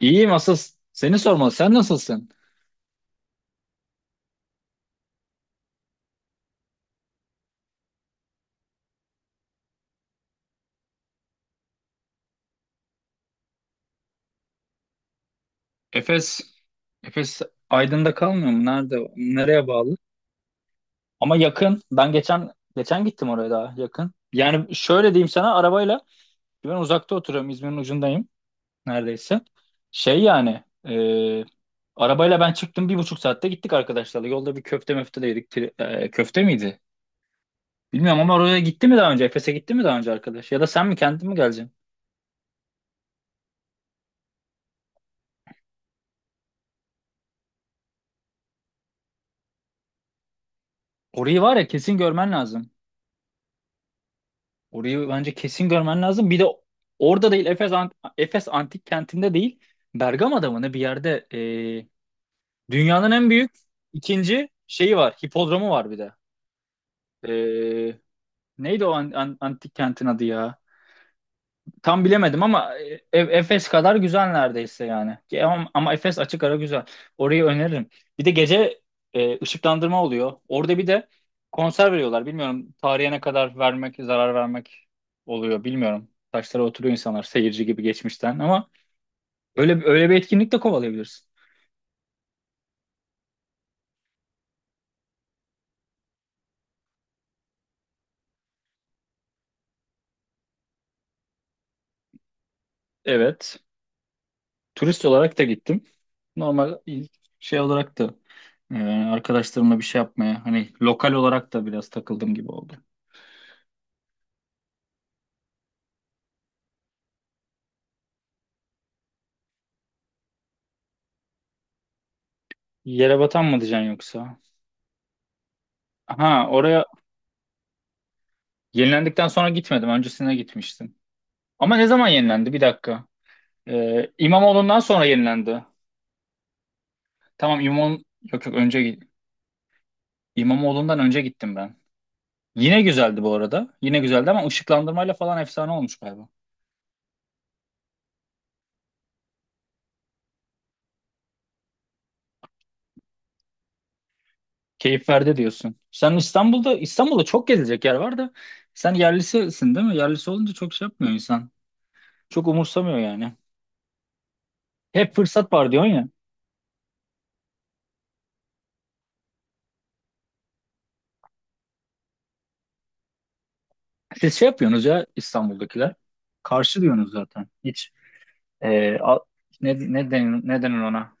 İyiyim asıl seni sormalı. Sen nasılsın? Efes, Efes Aydın'da kalmıyor mu? Nerede? Nereye bağlı? Ama yakın. Ben geçen gittim oraya daha yakın. Yani şöyle diyeyim sana arabayla ben uzakta oturuyorum. İzmir'in ucundayım neredeyse. Şey yani e, arabayla ben çıktım bir buçuk saatte gittik arkadaşlarla. Yolda bir köfte möfte de yedik. Köfte miydi? Bilmiyorum ama oraya gitti mi daha önce? Efes'e gitti mi daha önce arkadaş? Ya da sen mi kendin mi geleceksin? Orayı var ya kesin görmen lazım. Orayı bence kesin görmen lazım. Bir de orada değil Efes, Efes Antik Kenti'nde değil, Bergama'da mı ne bir yerde dünyanın en büyük ikinci şeyi var. Hipodromu var bir de. E, neydi o antik kentin adı ya? Tam bilemedim ama Efes kadar güzel neredeyse yani. Ki ama, ama Efes açık ara güzel. Orayı öneririm. Bir de gece ışıklandırma oluyor. Orada bir de konser veriyorlar. Bilmiyorum tarihe ne kadar vermek, zarar vermek oluyor bilmiyorum. Taşlara oturuyor insanlar seyirci gibi geçmişten ama öyle öyle bir etkinlik de kovalayabilirsin. Evet. Turist olarak da gittim. Normal şey olarak da e, arkadaşlarımla bir şey yapmaya hani lokal olarak da biraz takıldım gibi oldu. Yere batan mı diyeceksin yoksa? Ha, oraya yenilendikten sonra gitmedim. Öncesine gitmiştim. Ama ne zaman yenilendi? Bir dakika. İmamoğlu'ndan sonra yenilendi. Tamam İmam, yok yok İmamoğlu'ndan önce gittim ben. Yine güzeldi bu arada. Yine güzeldi ama ışıklandırmayla falan efsane olmuş galiba. Keyif verdi diyorsun. Sen İstanbul'da çok gezilecek yer var da sen yerlisisin değil mi? Yerlisi olunca çok şey yapmıyor insan. Çok umursamıyor yani. Hep fırsat var diyorsun ya. Siz şey yapıyorsunuz ya İstanbul'dakiler. Karşı diyorsunuz zaten. Hiç e, a- ne, ne denir, ne denir ona?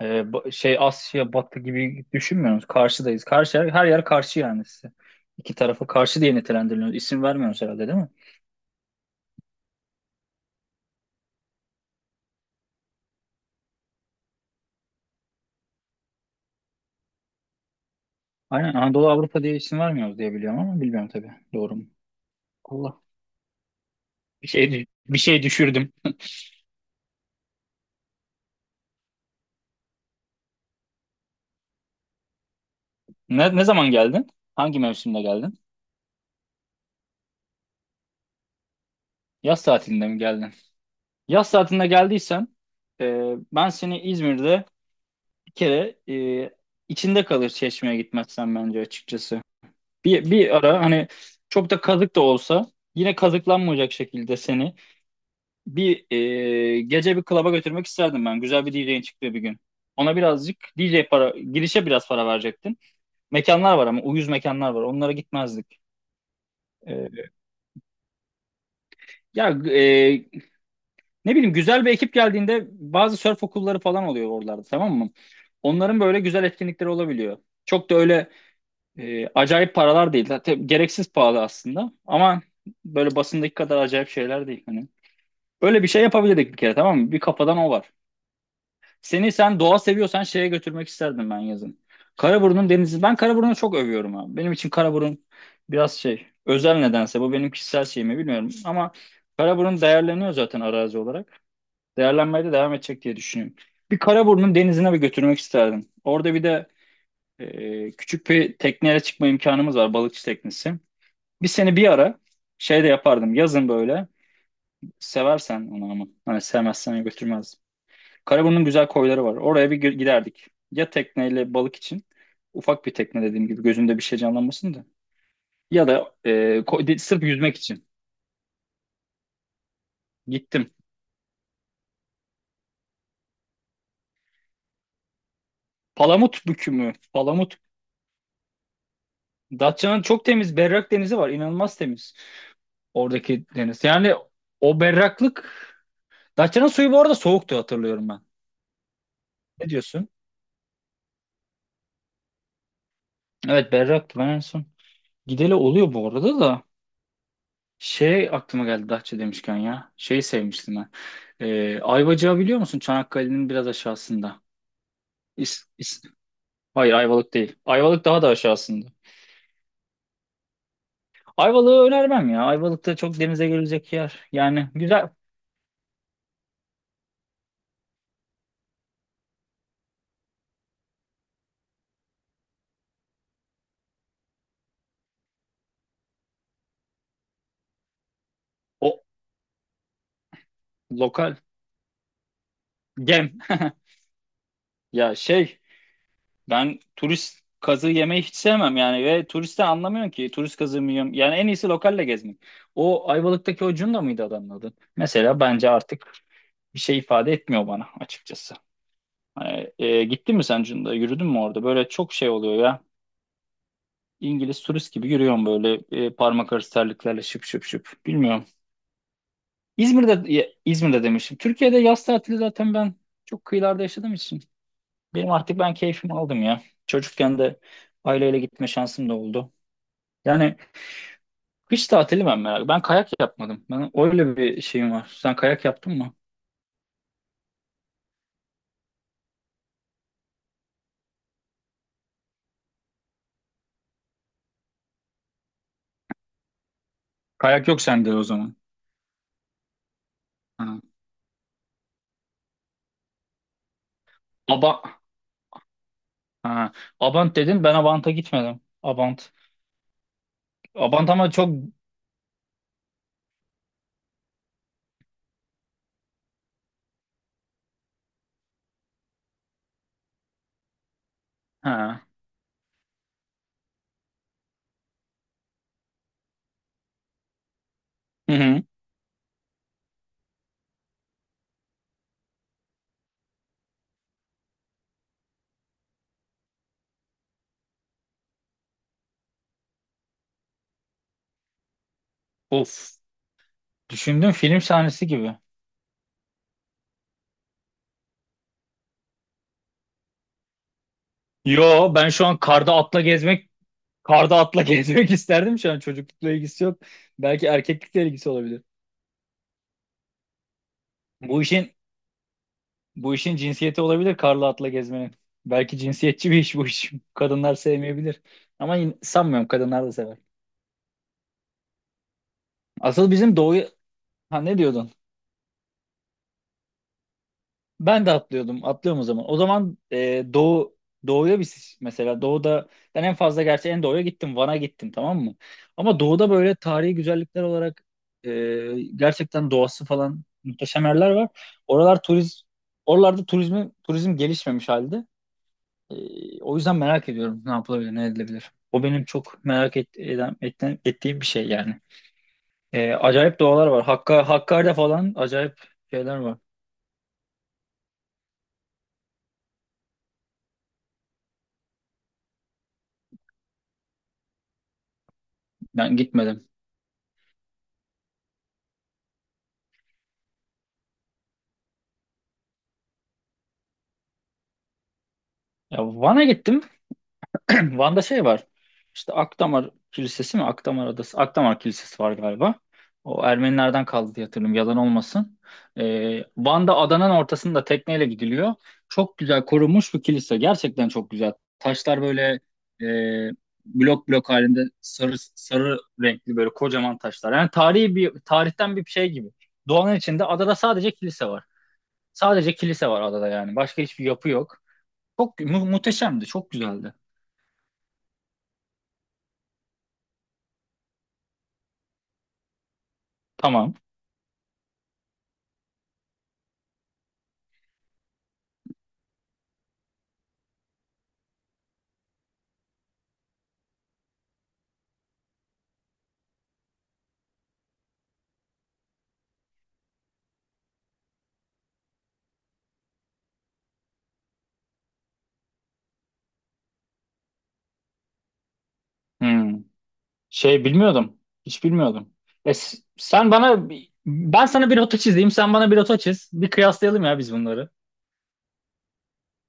Şey Asya Batı gibi düşünmüyoruz. Karşıdayız. Karşı, her, her yer karşı yani size. İki tarafı karşı diye nitelendiriliyoruz. İsim vermiyoruz herhalde değil mi? Aynen Anadolu Avrupa diye isim vermiyoruz diye biliyorum ama bilmiyorum tabii. Doğru mu? Allah. Bir şey düşürdüm. Ne zaman geldin? Hangi mevsimde geldin? Yaz tatilinde mi geldin? Yaz tatilinde geldiysen e, ben seni İzmir'de bir kere e, içinde kalır Çeşme'ye gitmezsen bence açıkçası. Bir, bir ara hani çok da kazık da olsa yine kazıklanmayacak şekilde seni bir gece bir klaba götürmek isterdim ben. Güzel bir DJ'in çıktığı bir gün. Ona birazcık DJ para, girişe biraz para verecektin. Mekanlar var ama uyuz mekanlar var. Onlara gitmezdik. E, ya e, ne bileyim güzel bir ekip geldiğinde bazı surf okulları falan oluyor oralarda, tamam mı? Onların böyle güzel etkinlikleri olabiliyor. Çok da öyle acayip paralar değil. Zaten gereksiz pahalı aslında. Ama böyle basındaki kadar acayip şeyler değil. Hani böyle bir şey yapabilirdik bir kere, tamam mı? Bir kafadan o var. Seni, sen doğa seviyorsan şeye götürmek isterdim ben yazın. Karaburun'un denizi. Ben Karaburun'u çok övüyorum abi. Benim için Karaburun biraz şey özel nedense. Bu benim kişisel şeyimi bilmiyorum. Ama Karaburun değerleniyor zaten arazi olarak. Değerlenmeye de devam edecek diye düşünüyorum. Bir Karaburun'un denizine bir götürmek isterdim. Orada bir de küçük bir tekneyle çıkma imkanımız var. Balıkçı teknesi. Bir seni bir ara şey de yapardım. Yazın böyle. Seversen onu ama. Hani sevmezsen götürmezdim. Karaburun'un güzel koyları var. Oraya bir giderdik. Ya tekneyle balık için. Ufak bir tekne dediğim gibi. Gözünde bir şey canlanmasın da. Ya da sırf yüzmek için. Gittim. Palamut bükü mü? Palamut. Datça'nın çok temiz berrak denizi var. İnanılmaz temiz. Oradaki deniz. Yani o berraklık. Datça'nın suyu bu arada soğuktu, hatırlıyorum ben. Ne diyorsun? Evet, berraktı ben en son. Gideli oluyor bu arada da. Şey aklıma geldi Datça demişken ya. Şeyi sevmiştim ben. Ayvacık'ı biliyor musun? Çanakkale'nin biraz aşağısında. İs, is- Hayır, Ayvalık değil. Ayvalık daha da aşağısında. Ayvalık'ı önermem ya. Ayvalık'ta çok denize görülecek yer. Yani güzel. O lokal. Gem. Ya şey, ben turist kazığı yemeyi hiç sevmem yani ve turiste anlamıyorum ki turist kazığı mı yiyorum. Yani en iyisi lokalle gezmek. O Ayvalık'taki o Cunda mıydı adamın adı? Mesela bence artık bir şey ifade etmiyor bana açıkçası. Hani, gittin mi sen Cunda? Yürüdün mü orada? Böyle çok şey oluyor ya. İngiliz turist gibi yürüyorum böyle parmak arası terliklerle şıp şıp şıp. Bilmiyorum. İzmir'de ya, İzmir'de demişim. Türkiye'de yaz tatili zaten ben çok kıyılarda yaşadığım için. Benim artık ben keyfimi aldım ya. Çocukken de aileyle gitme şansım da oldu. Yani kış tatili ben merak. Ben kayak yapmadım. Ben öyle bir şeyim var. Sen kayak yaptın mı? Kayak yok sende o zaman. Ha. Aba, ha. Abant dedin. Ben Abant'a gitmedim. Abant. Abant ama çok. Ha. Hı hı. Of. Düşündüm, film sahnesi gibi. Yo ben şu an karda atla gezmek, karda atla gezmek isterdim şu an, çocuklukla ilgisi yok. Belki erkeklikle ilgisi olabilir. Bu işin bu işin cinsiyeti olabilir karla atla gezmenin. Belki cinsiyetçi bir iş bu iş. Kadınlar sevmeyebilir. Ama yine, sanmıyorum, kadınlar da sever. Asıl bizim doğu, ha ne diyordun? Ben de atlıyordum. Atlıyorum o zaman. O zaman doğuya biz mesela doğuda ben en fazla gerçi en doğuya gittim. Van'a gittim, tamam mı? Ama doğuda böyle tarihi güzellikler olarak gerçekten doğası falan muhteşem yerler var. Oralar turiz oralarda turizm gelişmemiş halde. E, o yüzden merak ediyorum ne yapılabilir, ne edilebilir. O benim çok merak et, eden, etten- ettiğim bir şey yani. Acayip doğalar var. Hakkari'de falan acayip şeyler var. Ben gitmedim. Ya Van'a gittim. Van'da şey var. İşte Akdamar Kilisesi mi? Akdamar Adası. Akdamar Kilisesi var galiba. O Ermenilerden kaldı diye hatırlıyorum. Yalan olmasın. Van'da adanın ortasında tekneyle gidiliyor. Çok güzel korunmuş bir kilise. Gerçekten çok güzel. Taşlar böyle e, blok blok halinde sarı sarı renkli böyle kocaman taşlar. Yani tarihi bir tarihten bir şey gibi. Doğanın içinde adada sadece kilise var. Sadece kilise var adada yani. Başka hiçbir yapı yok. Çok muhteşemdi. Çok güzeldi. Tamam. Hmm. Şey bilmiyordum. Hiç bilmiyordum. Sen bana, ben sana bir rota çizeyim, sen bana bir rota çiz. Bir kıyaslayalım ya biz bunları.